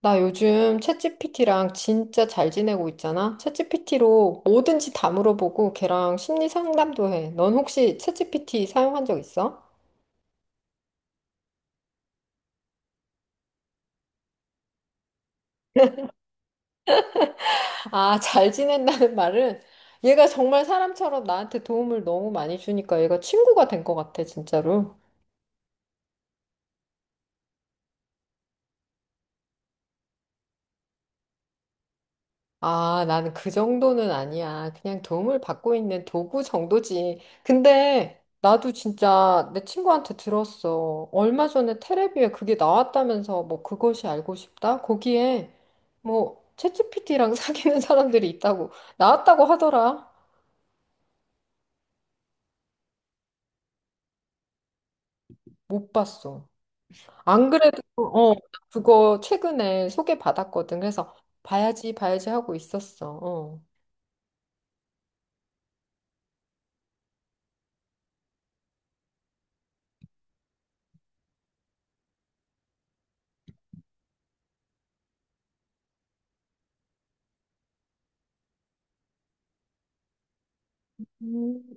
나 요즘 챗GPT랑 진짜 잘 지내고 있잖아? 챗GPT로 뭐든지 다 물어보고 걔랑 심리 상담도 해. 넌 혹시 챗GPT 사용한 적 있어? 아, 잘 지낸다는 말은 얘가 정말 사람처럼 나한테 도움을 너무 많이 주니까 얘가 친구가 된 것 같아, 진짜로. 아, 나는 그 정도는 아니야. 그냥 도움을 받고 있는 도구 정도지. 근데 나도 진짜 내 친구한테 들었어. 얼마 전에 테레비에 그게 나왔다면서 뭐 그것이 알고 싶다? 거기에 뭐 챗GPT랑 사귀는 사람들이 있다고 나왔다고 하더라. 못 봤어. 안 그래도 그거 최근에 소개받았거든. 그래서 봐야지, 봐야지 하고 있었어. 어. 음.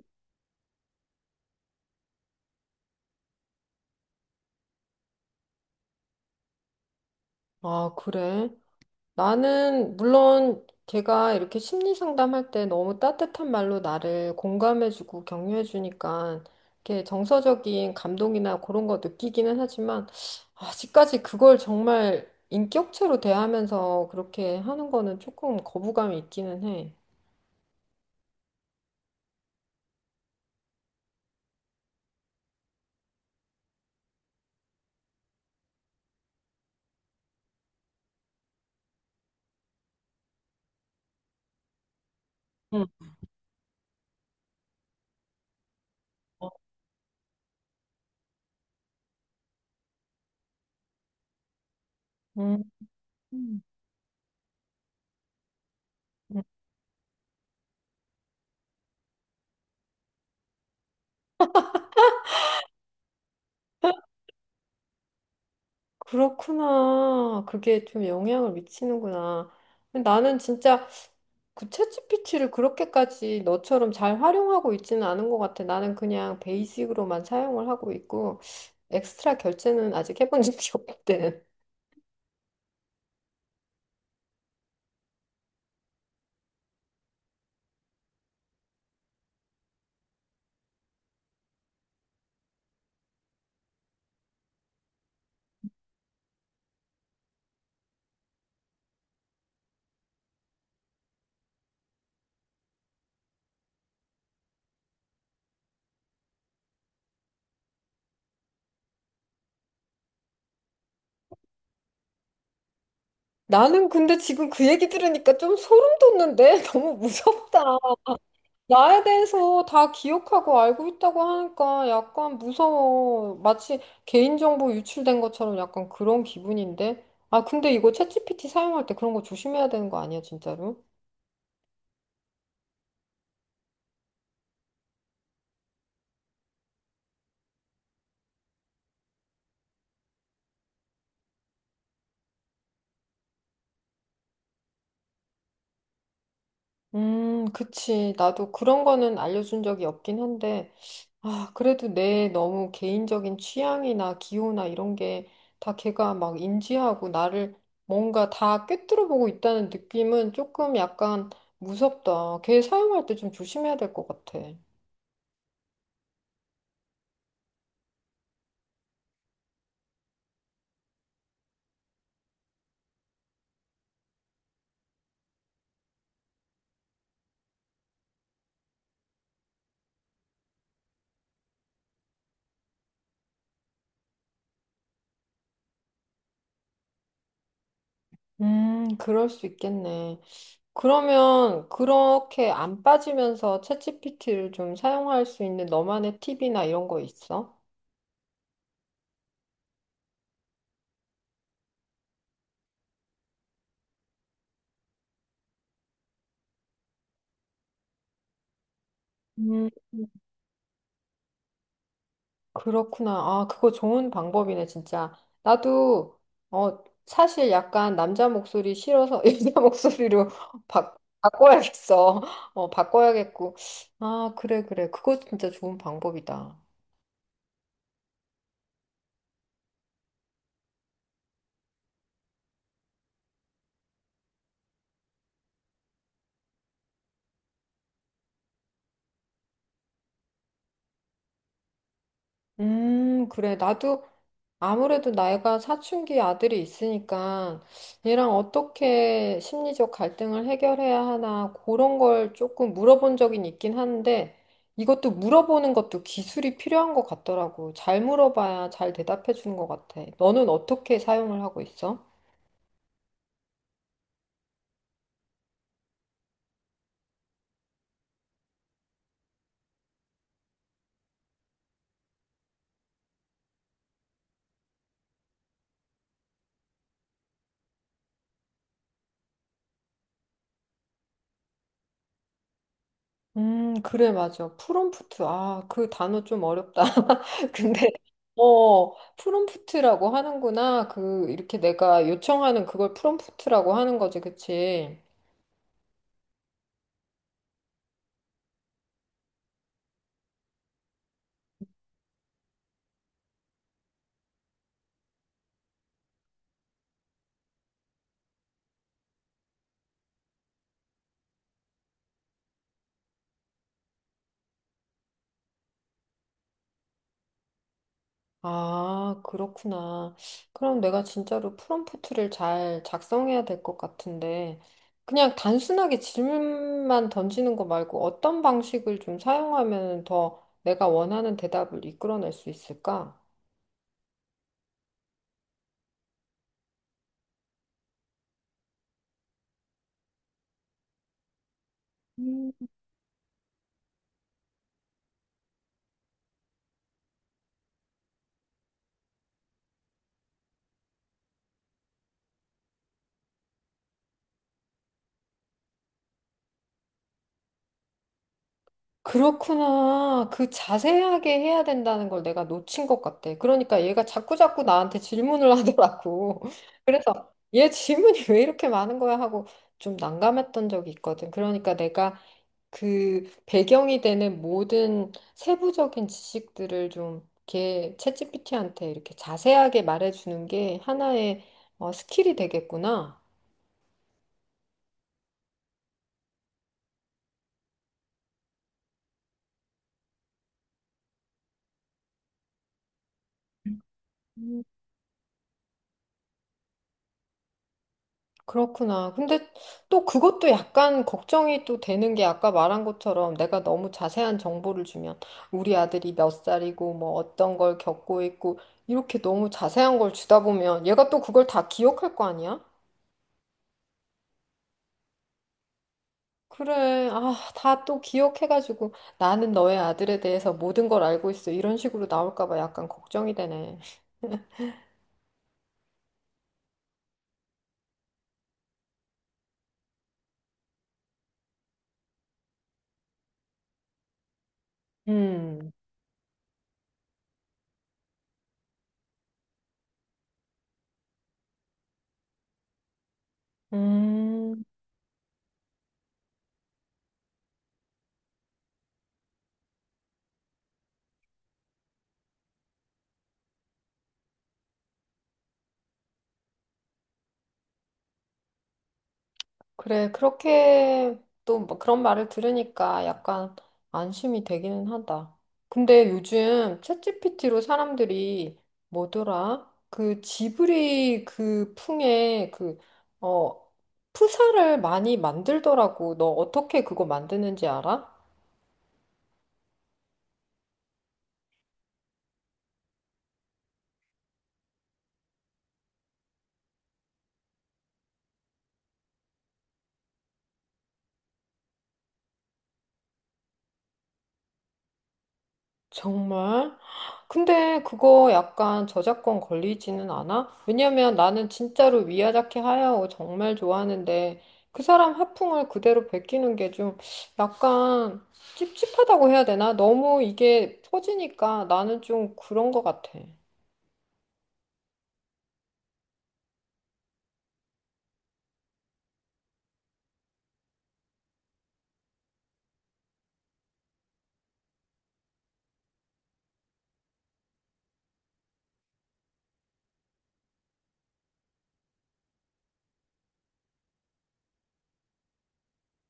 아, 그래? 나는 물론 걔가 이렇게 심리 상담할 때 너무 따뜻한 말로 나를 공감해주고 격려해주니까 이렇게 정서적인 감동이나 그런 거 느끼기는 하지만 아직까지 그걸 정말 인격체로 대하면서 그렇게 하는 거는 조금 거부감이 있기는 해. 응. 어. 음. 음. 그렇구나. 그게 좀 영향을 미치는구나. 나는 진짜 그 챗지피티를 그렇게까지 너처럼 잘 활용하고 있지는 않은 것 같아. 나는 그냥 베이직으로만 사용을 하고 있고, 엑스트라 결제는 아직 해본 적이 없든 나는 근데 지금 그 얘기 들으니까 좀 소름 돋는데? 너무 무섭다. 나에 대해서 다 기억하고 알고 있다고 하니까 약간 무서워. 마치 개인정보 유출된 것처럼 약간 그런 기분인데? 아, 근데 이거 챗GPT 사용할 때 그런 거 조심해야 되는 거 아니야, 진짜로? 그치. 나도 그런 거는 알려준 적이 없긴 한데, 아, 그래도 내 너무 개인적인 취향이나 기호나 이런 게 다 걔가 막 인지하고 나를 뭔가 다 꿰뚫어 보고 있다는 느낌은 조금 약간 무섭다. 걔 사용할 때 좀 조심해야 될 것 같아. 그럴 수 있겠네. 그러면 그렇게 안 빠지면서 챗GPT를 좀 사용할 수 있는 너만의 팁이나 이런 거 있어? 음. 그렇구나. 아, 그거 좋은 방법이네, 진짜. 나도, 어, 사실 약간 남자 목소리 싫어서 여자 목소리로 바, 바꿔야겠어. 어, 바꿔야겠고. 아, 그래, 그래. 그거 진짜 좋은 방법이다. 그래. 나도 아무래도 나이가 사춘기 아들이 있으니까 얘랑 어떻게 심리적 갈등을 해결해야 하나 그런 걸 조금 물어본 적이 있긴 한데 이것도 물어보는 것도 기술이 필요한 것 같더라고. 잘 물어봐야 잘 대답해 주는 것 같아. 너는 어떻게 사용을 하고 있어? 그래, 맞아. 프롬프트. 아, 그 단어 좀 어렵다. 근데, 프롬프트라고 하는구나. 그, 이렇게 내가 요청하는 그걸 프롬프트라고 하는 거지, 그치? 아, 그렇구나. 그럼 내가 진짜로 프롬프트를 잘 작성해야 될 것 같은데, 그냥 단순하게 질문만 던지는 거 말고 어떤 방식을 좀 사용하면 더 내가 원하는 대답을 이끌어낼 수 있을까? 음. 그렇구나. 그 자세하게 해야 된다는 걸 내가 놓친 것 같아. 그러니까 얘가 자꾸자꾸 나한테 질문을 하더라고. 그래서 얘 질문이 왜 이렇게 많은 거야 하고 좀 난감했던 적이 있거든. 그러니까 내가 그 배경이 되는 모든 세부적인 지식들을 좀 이렇게 챗GPT한테 이렇게 자세하게 말해주는 게 하나의 스킬이 되겠구나. 음, 그렇구나. 근데 또 그것도 약간 걱정이 또 되는 게 아까 말한 것처럼 내가 너무 자세한 정보를 주면 우리 아들이 몇 살이고 뭐 어떤 걸 겪고 있고 이렇게 너무 자세한 걸 주다 보면 얘가 또 그걸 다 기억할 거 아니야? 그래. 아, 다 또 기억해가지고 나는 너의 아들에 대해서 모든 걸 알고 있어. 이런 식으로 나올까 봐 약간 걱정이 되네. 음, 음, 그래. 그렇게 또뭐 그런 말을 들으니까 약간 안심이 되기는 하다. 근데 요즘 챗GPT로 사람들이 뭐더라? 그 지브리 그 풍의 그, 어, 푸사를 많이 만들더라고. 너 어떻게 그거 만드는지 알아? 정말? 근데 그거 약간 저작권 걸리지는 않아? 왜냐면 나는 진짜로 미야자키 하야오 정말 좋아하는데 그 사람 화풍을 그대로 베끼는 게 좀 약간 찝찝하다고 해야 되나? 너무 이게 퍼지니까 나는 좀 그런 것 같아.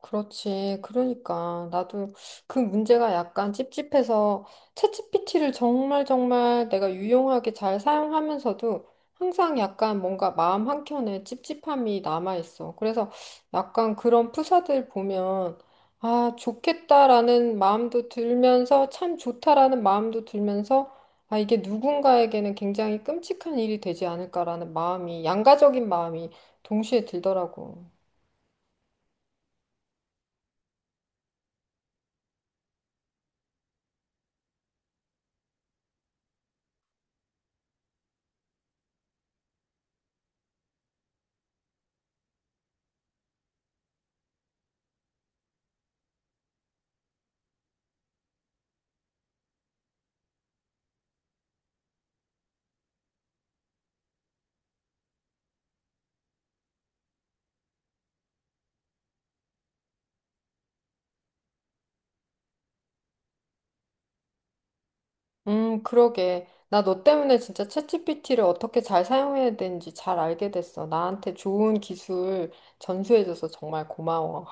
그렇지. 그러니까 나도 그 문제가 약간 찝찝해서 챗GPT를 정말 정말 내가 유용하게 잘 사용하면서도 항상 약간 뭔가 마음 한켠에 찝찝함이 남아있어. 그래서 약간 그런 프사들 보면 아, 좋겠다라는 마음도 들면서 참 좋다라는 마음도 들면서 아, 이게 누군가에게는 굉장히 끔찍한 일이 되지 않을까라는 마음이 양가적인 마음이 동시에 들더라고. 그러게. 나 너 때문에 진짜 챗GPT를 어떻게 잘 사용해야 되는지 잘 알게 됐어. 나한테 좋은 기술 전수해줘서 정말 고마워.